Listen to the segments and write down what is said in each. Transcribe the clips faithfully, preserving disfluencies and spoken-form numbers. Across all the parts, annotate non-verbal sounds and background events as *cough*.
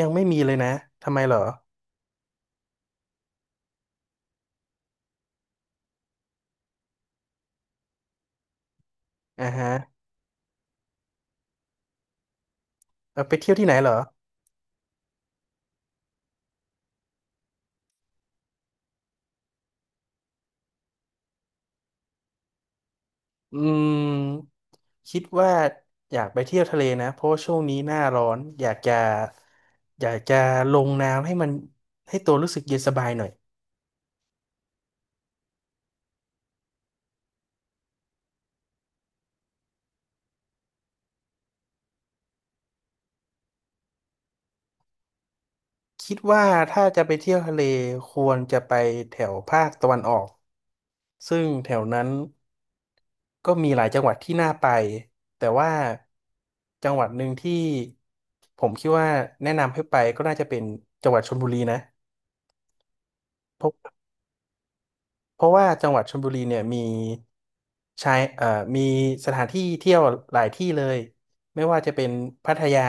ยังไม่มีเลยนะทำไมเหรออ่าฮะเอาไปเที่ยวที่ไหนเหรออืมคิดว่าอยากไปเที่ยวทะเลนะ เพราะว่าช่วงนี้หน้าร้อน อยากจะอยากจะลงน้ำให้มันให้ตัวรู้สึกเย็นสบายหน่อยคิดว่าถ้าจะไปเที่ยวทะเลควรจะไปแถวภาคตะวันออกซึ่งแถวนั้นก็มีหลายจังหวัดที่น่าไป แต่ว่าจังหวัดหนึ่งที่ผมคิดว่าแนะนำให้ไปก็น่าจะเป็นจังหวัดชลบุรีนะ เพราะเพราะว่าจังหวัดชลบุรีเนี่ยมีชายเอ่อมีสถานที่เที่ยวหลายที่เลยไม่ว่าจะเป็นพัทยา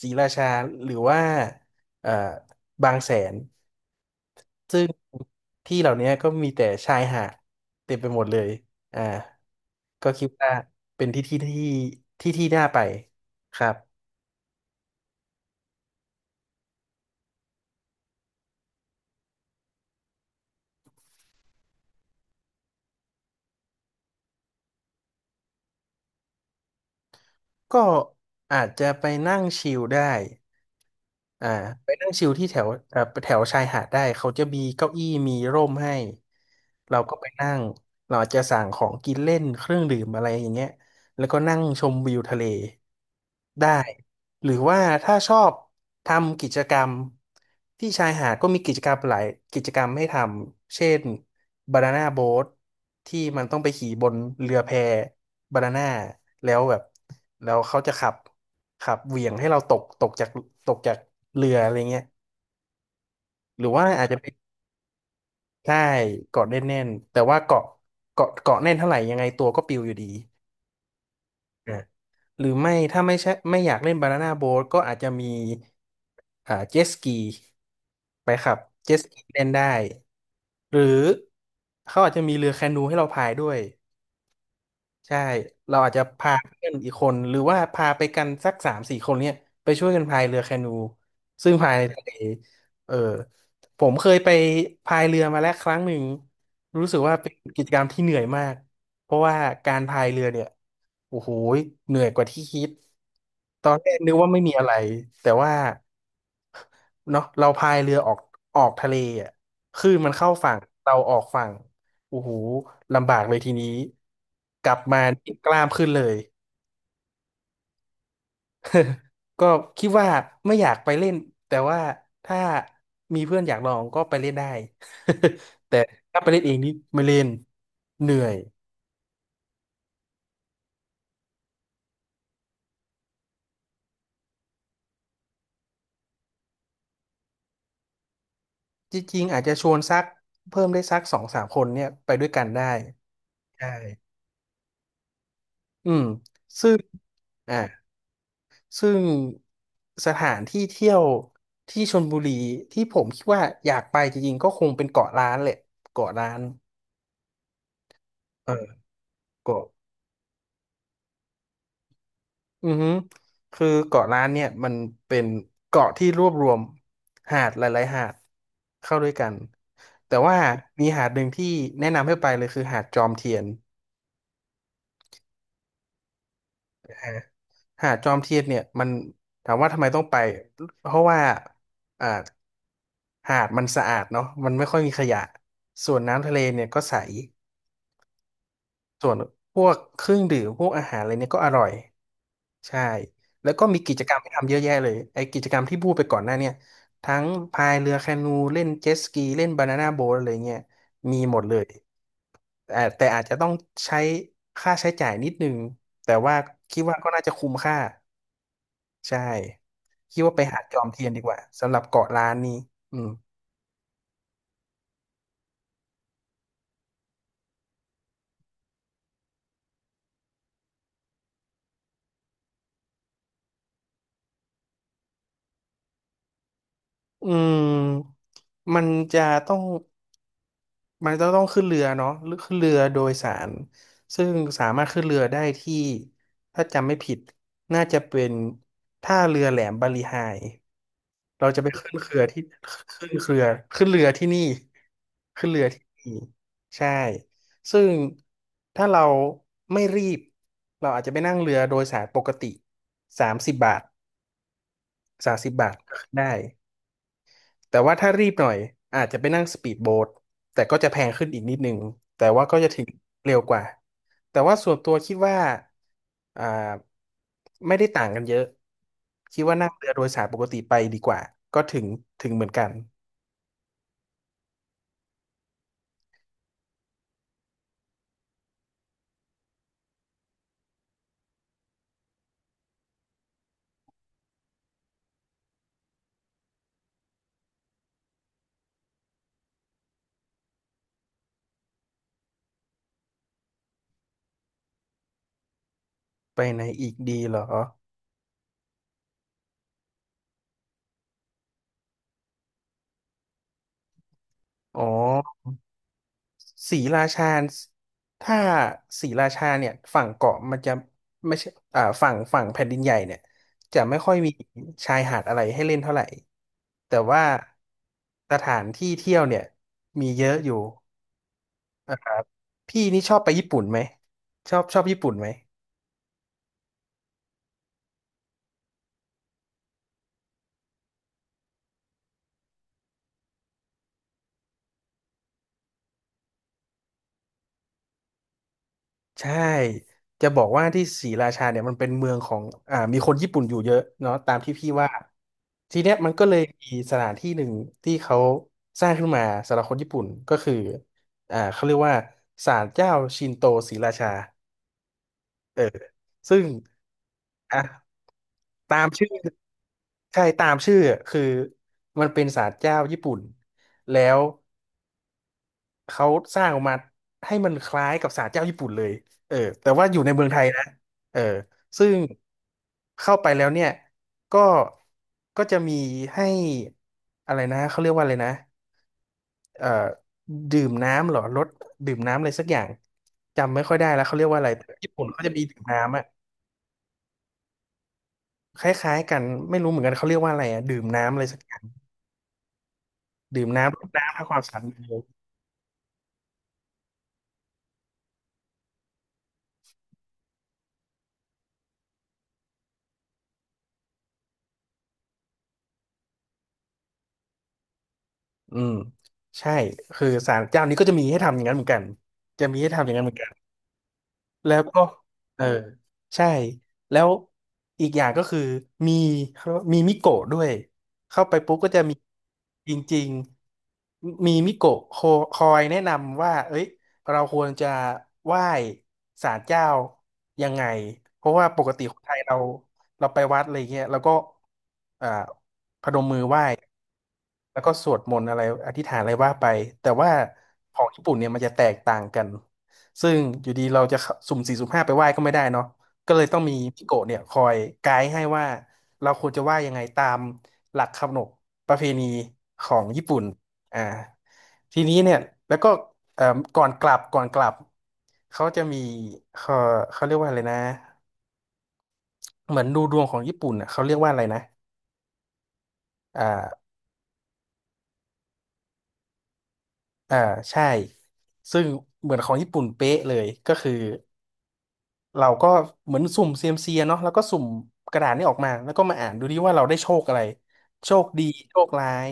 ศรีราชาหรือว่าเอ่อบางแสนซึ่งที่เหล่านี้ก็มีแต่ชายหาดเต็มไปหมดเลยอ่าก็คิดว่าเป็นที่ที่ที่ที่ที่น่าไปครับก็อาจจะไปนั่งชิลได้ อ่าไปนั่งชิลที่แถวเอ่อแถวชายหาดได้เขาจะมีเก้าอี้มีร่มให้เราก็ไปนั่งเราอาจจะสั่งของกินเล่นเครื่องดื่มอะไรอย่างเงี้ยแล้วก็นั่งชมวิวทะเลได้หรือว่าถ้าชอบทำกิจกรรมที่ชายหาดก็มีกิจกรรมหลายกิจกรรมให้ทำเช่นบานาน่าโบ๊ทที่มันต้องไปขี่บนเรือแพบานาน่าแล้วแบบแล้วเขาจะขับ ครับเหวี่ยงให้เราตกตกจากตกจากเรืออะไรเงี้ยหรือว่าอาจจะเป็นใช่เกาะแน่นๆแต่ว่าเกาะเกาะเกาะแน่นเท่าไหร่ยังไงตัวก็ปลิวอยู่ดีอ่ะหรือไม่ถ้าไม่ใช่ไม่อยากเล่นบานาน่าโบ๊ทก็อาจจะมีอ่าเจ็ตสกีไปครับเจ็ตสกีเล่นได้หรือเขาอาจจะมีเรือแคนูให้เราพายด้วย ใช่เราอาจจะพาเพื่อนอีกคนหรือว่าพาไปกันสักสามสี่คนเนี่ยไปช่วยกันพายเรือแคนู ซึ่งพายในทะเลเออผมเคยไปพายเรือมาแล้วครั้งหนึ่งรู้สึกว่าเป็นกิจกรรมที่เหนื่อยมากเพราะว่าการพายเรือเนี่ยโอ้โหเหนื่อยกว่าที่คิดตอนแรกนึกว่าไม่มีอะไรแต่ว่า เนาะเราพายเรือออกออกทะเลอ่ะคลื่นมันเข้าฝั่งเราออกฝั่งโอ้โหลำบากเลยทีนี้กลับมานี่กล้ามขึ้นเลย *laughs* ก็คิดว่าไม่อยากไปเล่นแต่ว่าถ้ามีเพื่อนอยากลองก็ไปเล่นได้ *laughs* แต่ถ้าไปเล่นเองนี่ไม่เล่นเหนื่อยจริงๆอาจจะชวนสักเพิ่มได้สักสองสามคนเนี่ยไปด้วยกันได้ใช่อืมซึ่งอ่า ซึ่งสถานที่เที่ยวที่ชลบุรีที่ผมคิดว่าอยากไปจริงๆก็คงเป็นเกาะล้านแหละเกาะล้านเออเกาะอือฮึคือเกาะล้านเนี่ยมันเป็นเกาะที่รวบรวมหาดหลายๆหาดเข้าด้วยกันแต่ว่ามีหาดหนึ่งที่แนะนำให้ไปเลยคือหาดจอมเทียนนะฮะหาดจอมเทียนเนี่ยมันถามว่าทำไมต้องไปเพราะว่าอ่าหาดมันสะอาดเนาะมันไม่ค่อยมีขยะส่วนน้ำทะเลเนี่ยก็ใส ส่วนพวกเครื่องดื่มพวกอาหารอะไรเนี่ยก็อร่อยใช่แล้วก็มีกิจกรรมให้ทำเยอะแยะเลยไอ้กิจกรรมที่พูดไปก่อนหน้าเนี่ยทั้งพายเรือแคนูเล่นเจ็ตสกีเล่นบานาน่าโบ๊ทอะไรเงี้ยมีหมดเลยแต่แต่อาจจะต้องใช้ค่าใช้จ่ายนิดนึงแต่ว่าคิดว่าก็น่าจะคุ้มค่าใช่คิดว่าไปหาดจอมเทียนดีกว่าสำหรับเกาะล้านนี้อืมอืมมันจะต้อง มันจะต้องขึ้นเรือเนาะหรือขึ้นเรือโดยสารซึ่งสามารถขึ้นเรือได้ที่ถ้าจำไม่ผิดน่าจะเป็นท่าเรือแหลมบาลีไฮเราจะไปขึ้นเครือที่ขึ้นเครือขึ้นเรือที่นี่ขึ้นเรือที่นี่ใช่ซึ่งถ้าเราไม่รีบเราอาจจะไปนั่งเรือโดยสารปกติสามสิบบาทสามสิบบาทก็ขึ้นได้ แต่ว่าถ้ารีบหน่อยอาจจะไปนั่งสปีดโบ๊ทแต่ก็จะแพงขึ้นอีกนิดนึงแต่ว่าก็จะถึงเร็วกว่าแต่ว่าส่วนตัวคิดว่าอ่าไม่ได้ต่างกันเยอะคิดว่านั่งเรือโดยสารปกติไปดีกว่าก็ถึงถึงเหมือนกันไปไหนอีกดีเหรออ๋อ ศรีราชาถ้าศรีราชาเนี่ยฝั่งเกาะมันจะไม่ใช่อ่าฝั่งฝั่งแผ่นดินใหญ่เนี่ยจะไม่ค่อยมีชายหาดอะไรให้เล่นเท่าไหร่ แต่ว่าสถานที่เที่ยวเนี่ยมีเยอะอยู่ พี่นี่ชอบไปญี่ปุ่นไหมชอบชอบญี่ปุ่นไหม ใช่จะบอกว่าที่ศรีราชาเนี่ยมันเป็นเมืองของอ่ามีคนญี่ปุ่นอยู่เยอะเนาะตามที่พี่ว่าทีเนี้ยมันก็เลยมีสถานที่หนึ่งที่เขาสร้างขึ้นมาสำหรับคนญี่ปุ่นก็คืออ่าเขาเรียกว่าศาลเจ้าชินโตศรีราชาเออซึ่งอ่ะตามชื่อใช่ตามชื่อคือมันเป็นศาลเจ้าญี่ปุ่นแล้ว เขาสร้างออกมาให้มันคล้ายกับศาลเจ้าญี่ปุ่นเลยเออแต่ว่าอยู่ในเมืองไทยนะเออซึ่งเข้าไปแล้วเนี่ยก็ก็จะมีให้อะไรนะเขาเรียกว่าอะไรนะเอ่อดื่มน้ำเหรอรสดื่มน้ำอะไรสักอย่างจำไม่ค่อยได้แล้วเขาเรียกว่าอะไรแต่ญี่ปุ่นเขาจะมีดื่มน้ำอะคล้ายๆกันไม่รู้เหมือนกันเขาเรียกว่าอะไรอะดื่มน้ำอะไรสักอย่างดื่มน้ำรดน้ำทำความสะอาดมืออืมใช่คือศาลเจ้านี้ก็จะมีให้ทำอย่างนั้นเหมือนกันจะมีให้ทำอย่างนั้นเหมือนกัน แล้วก็ เออ ใช่ แล้วอีกอย่างก็คือ มีเขาเรียกว่ามีมิโกะด้วย เข้าไปปุ๊บก็จะมีจริงๆมีมิโกะคอคอยแนะนำว่า เอ้ย เราควรจะไหว้ศาลเจ้ายังไง เพราะว่าปกติคนไทยเรา เราไปวัดอะไรเงี้ย แล้วก็ อ่าพนม แล้วก็สวดมนต์อะไรอธิษฐานอะไรว่าไปแต่ว่าของญี่ปุ่นเนี่ยมันจะแตกต่างกันซึ่งอยู่ดีเราจะเข้าสุ่มสี่สุ่มห้าไปไหว้ก็ไม่ได้เนาะก็เลยต้องมีพี่โกะเนี่ยคอยไกด์ให้ว่าเราควรจะไหว้ยังไงตามหลักขนบประเพณีของญี่ปุ่นอ่าทีนี้เนี่ยแล้วก็เอ่อก่อนกลับก่อนกลับเขาจะมีเขาเขาเรียกว่าอะไรนะเหมือนดูดวงของญี่ปุ่นอ่ะเขาเรียกว่าอะไรนะ อ่าใช่ซึ่งเหมือนของญี่ปุ่นเป๊ะเลยก็คือเราก็เหมือนสุ่มเซียมซีเนาะแล้วก็สุ่มกระดาษนี่ออกมาแล้วก็มาอ่านดูดิว่าเราได้โชคอะไรโชคดีโชคร้าย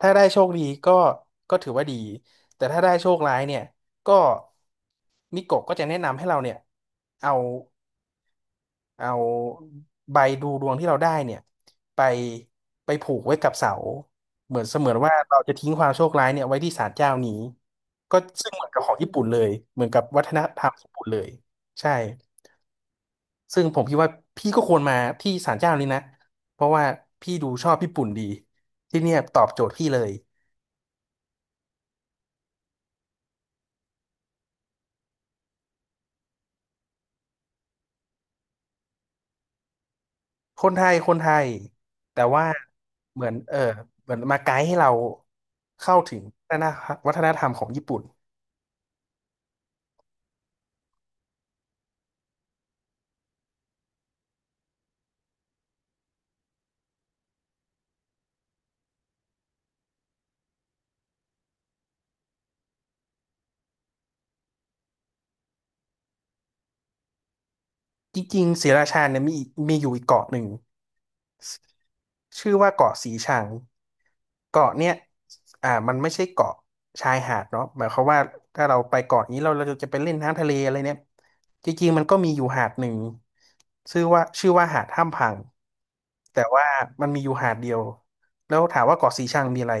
ถ้าได้โชคดีก็ก็ถือว่าดีแต่ถ้าได้โชคร้ายเนี่ยก็มิโกะก็จะแนะนำให้เราเนี่ยเอา เอาใบดูดวงที่เราได้เนี่ยไปไปผูกไว้กับเสาเหมือนเสมือนว่าเราจะทิ้งความโชคร้ายเนี่ยไว้ที่ศาลเจ้านี้ก็ซึ่งเหมือนกับของญี่ปุ่นเลยเหมือนกับวัฒนธรรมญี่ปุ่นเลยใช่ซึ่งผมคิดว่าพี่ก็ควรมาที่ศาลเจ้านี้นะเพราะว่าพี่ดูชอบญี่ปุ่นดีที่เนี่ยตอบโจทย์พี่เลยคนไทยคนไทยแต่ว่าเหมือนเออเหมือนมาไกด์ให้เราเข้าถึงวัฒนธรรมของญี่ปุ่น จริงๆศรีราชาเนี่ยมีมีอยู่อีกเกาะหนึ่งชื่อว่าเกาะสีชังเกาะเนี่ยอ่ามันไม่ใช่เกาะชายหาดเนาะหมายความว่าถ้าเราไปเกาะนี้เราเราจะไปเล่นน้ำทะเลอะไรเนี่ยจริงๆมันก็มีอยู่หาดหนึ่งชื่อว่าชื่อว่าหาดถ้ำพังแต่ว่ามันมีอยู่หาดเดียวแล้วถามว่าเกาะสีชังมีอะไร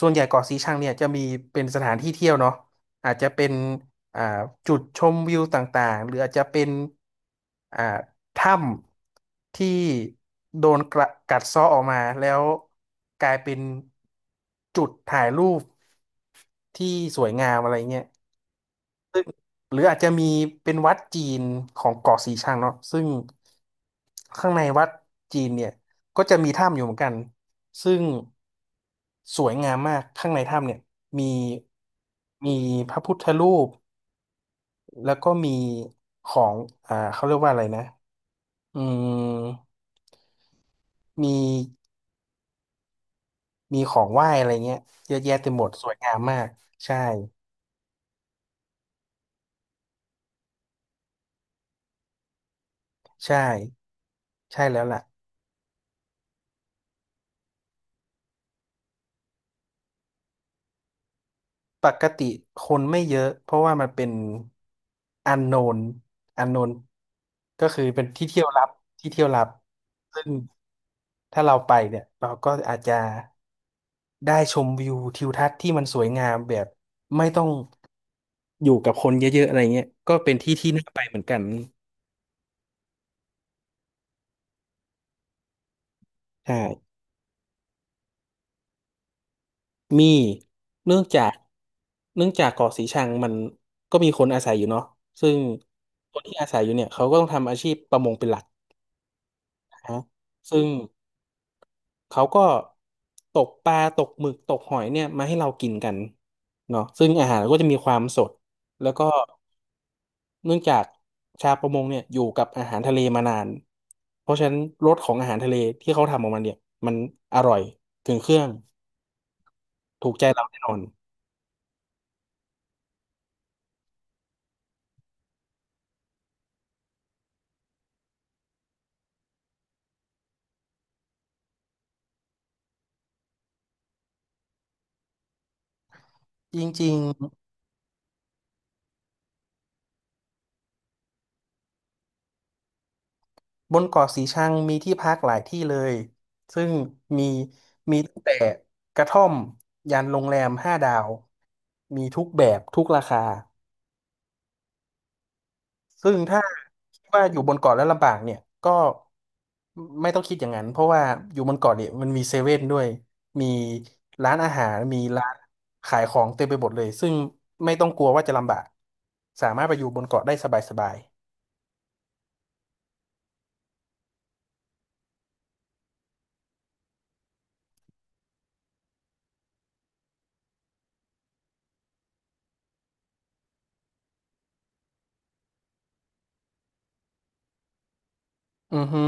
ส่วนใหญ่เกาะสีชังเนี่ยจะมีเป็นสถานที่เที่ยวเนาะอาจจะเป็น อ่าจุดชมวิวต่างๆหรืออาจจะเป็นอ่าถ้ำที่โดนกระกัดเซาะออกมาแล้วกลายเป็นจุดถ่ายรูปที่สวยงามอะไรเงี้ยซึ่งหรืออาจจะมีเป็นวัดจีนของเกาะสีชังเนาะซึ่งข้างในวัดจีนเนี่ยก็จะมีถ้ำอยู่เหมือนกันซึ่งสวยงามมากข้างในถ้ำเนี่ยมีมีพระพุทธรูป แล้วก็มีของอ่าเขาเรียกว่าอะไรนะอืมมีมีของไหว้อะไรเงี้ยเยอะแยะเต็มหมดสวยงามมาก ใช่ ใช่ ใช่แล้วล่ะปกติคนไม่เยอะเพราะว่ามันเป็นอันโนนอันโนนก็คือเป็นที่เที่ยวลับ ที่เที่ยวลับซึ่งถ้าเราไปเนี่ย เราก็อาจจะได้ชมวิวทิวทัศน์ที่มันสวยงามแบบไม่ต้อง อยู่กับคนเยอะๆอะไรเงี้ยก็เป็นที่ที่น่าไปเหมือนกันใช่มีเนื่องจากเนื่องจากเกาะสีชังมันก็มีคนอาศัยอยู่เนาะซึ่งคนที่อาศัยอยู่เนี่ยเขาก็ต้องทำอาชีพประมงเป็นหลักนะฮะซึ่งเขาก็ตกปลาตกหมึกตกหอยเนี่ยมาให้เรากินกันเนาะซึ่งอาหารก็จะมีความสดแล้วก็ เนื่องจากชาวประมงเนี่ยอยู่กับอาหารทะเลมานาน เพราะฉะนั้นรสของอาหารทะเลที่เขาทำออกมาเนี่ยมันอร่อยถึงเครื่องถูกใจเราแน่นอนจริงๆบนเกาะสีชังมีที่พักหลายที่เลยซึ่งมีมีตั้งแต่กระท่อมยันโรงแรมห้าดาวมีทุกแบบทุกราคา ซึ่งถ้าคิดว่าอยู่บนเกาะแล้วลำบากเนี่ยก็ไม่ต้องคิดอย่างนั้นเพราะว่าอยู่บนเกาะเนี่ยมันมีเซเว่นด้วยมีร้านอาหารมีร้านขายของเต็มไปหมดเลยซึ่งไม่ต้องกลัวว่าจะลำบากสามารถไปอยู่บนเกาะได้สบายๆอือฮึ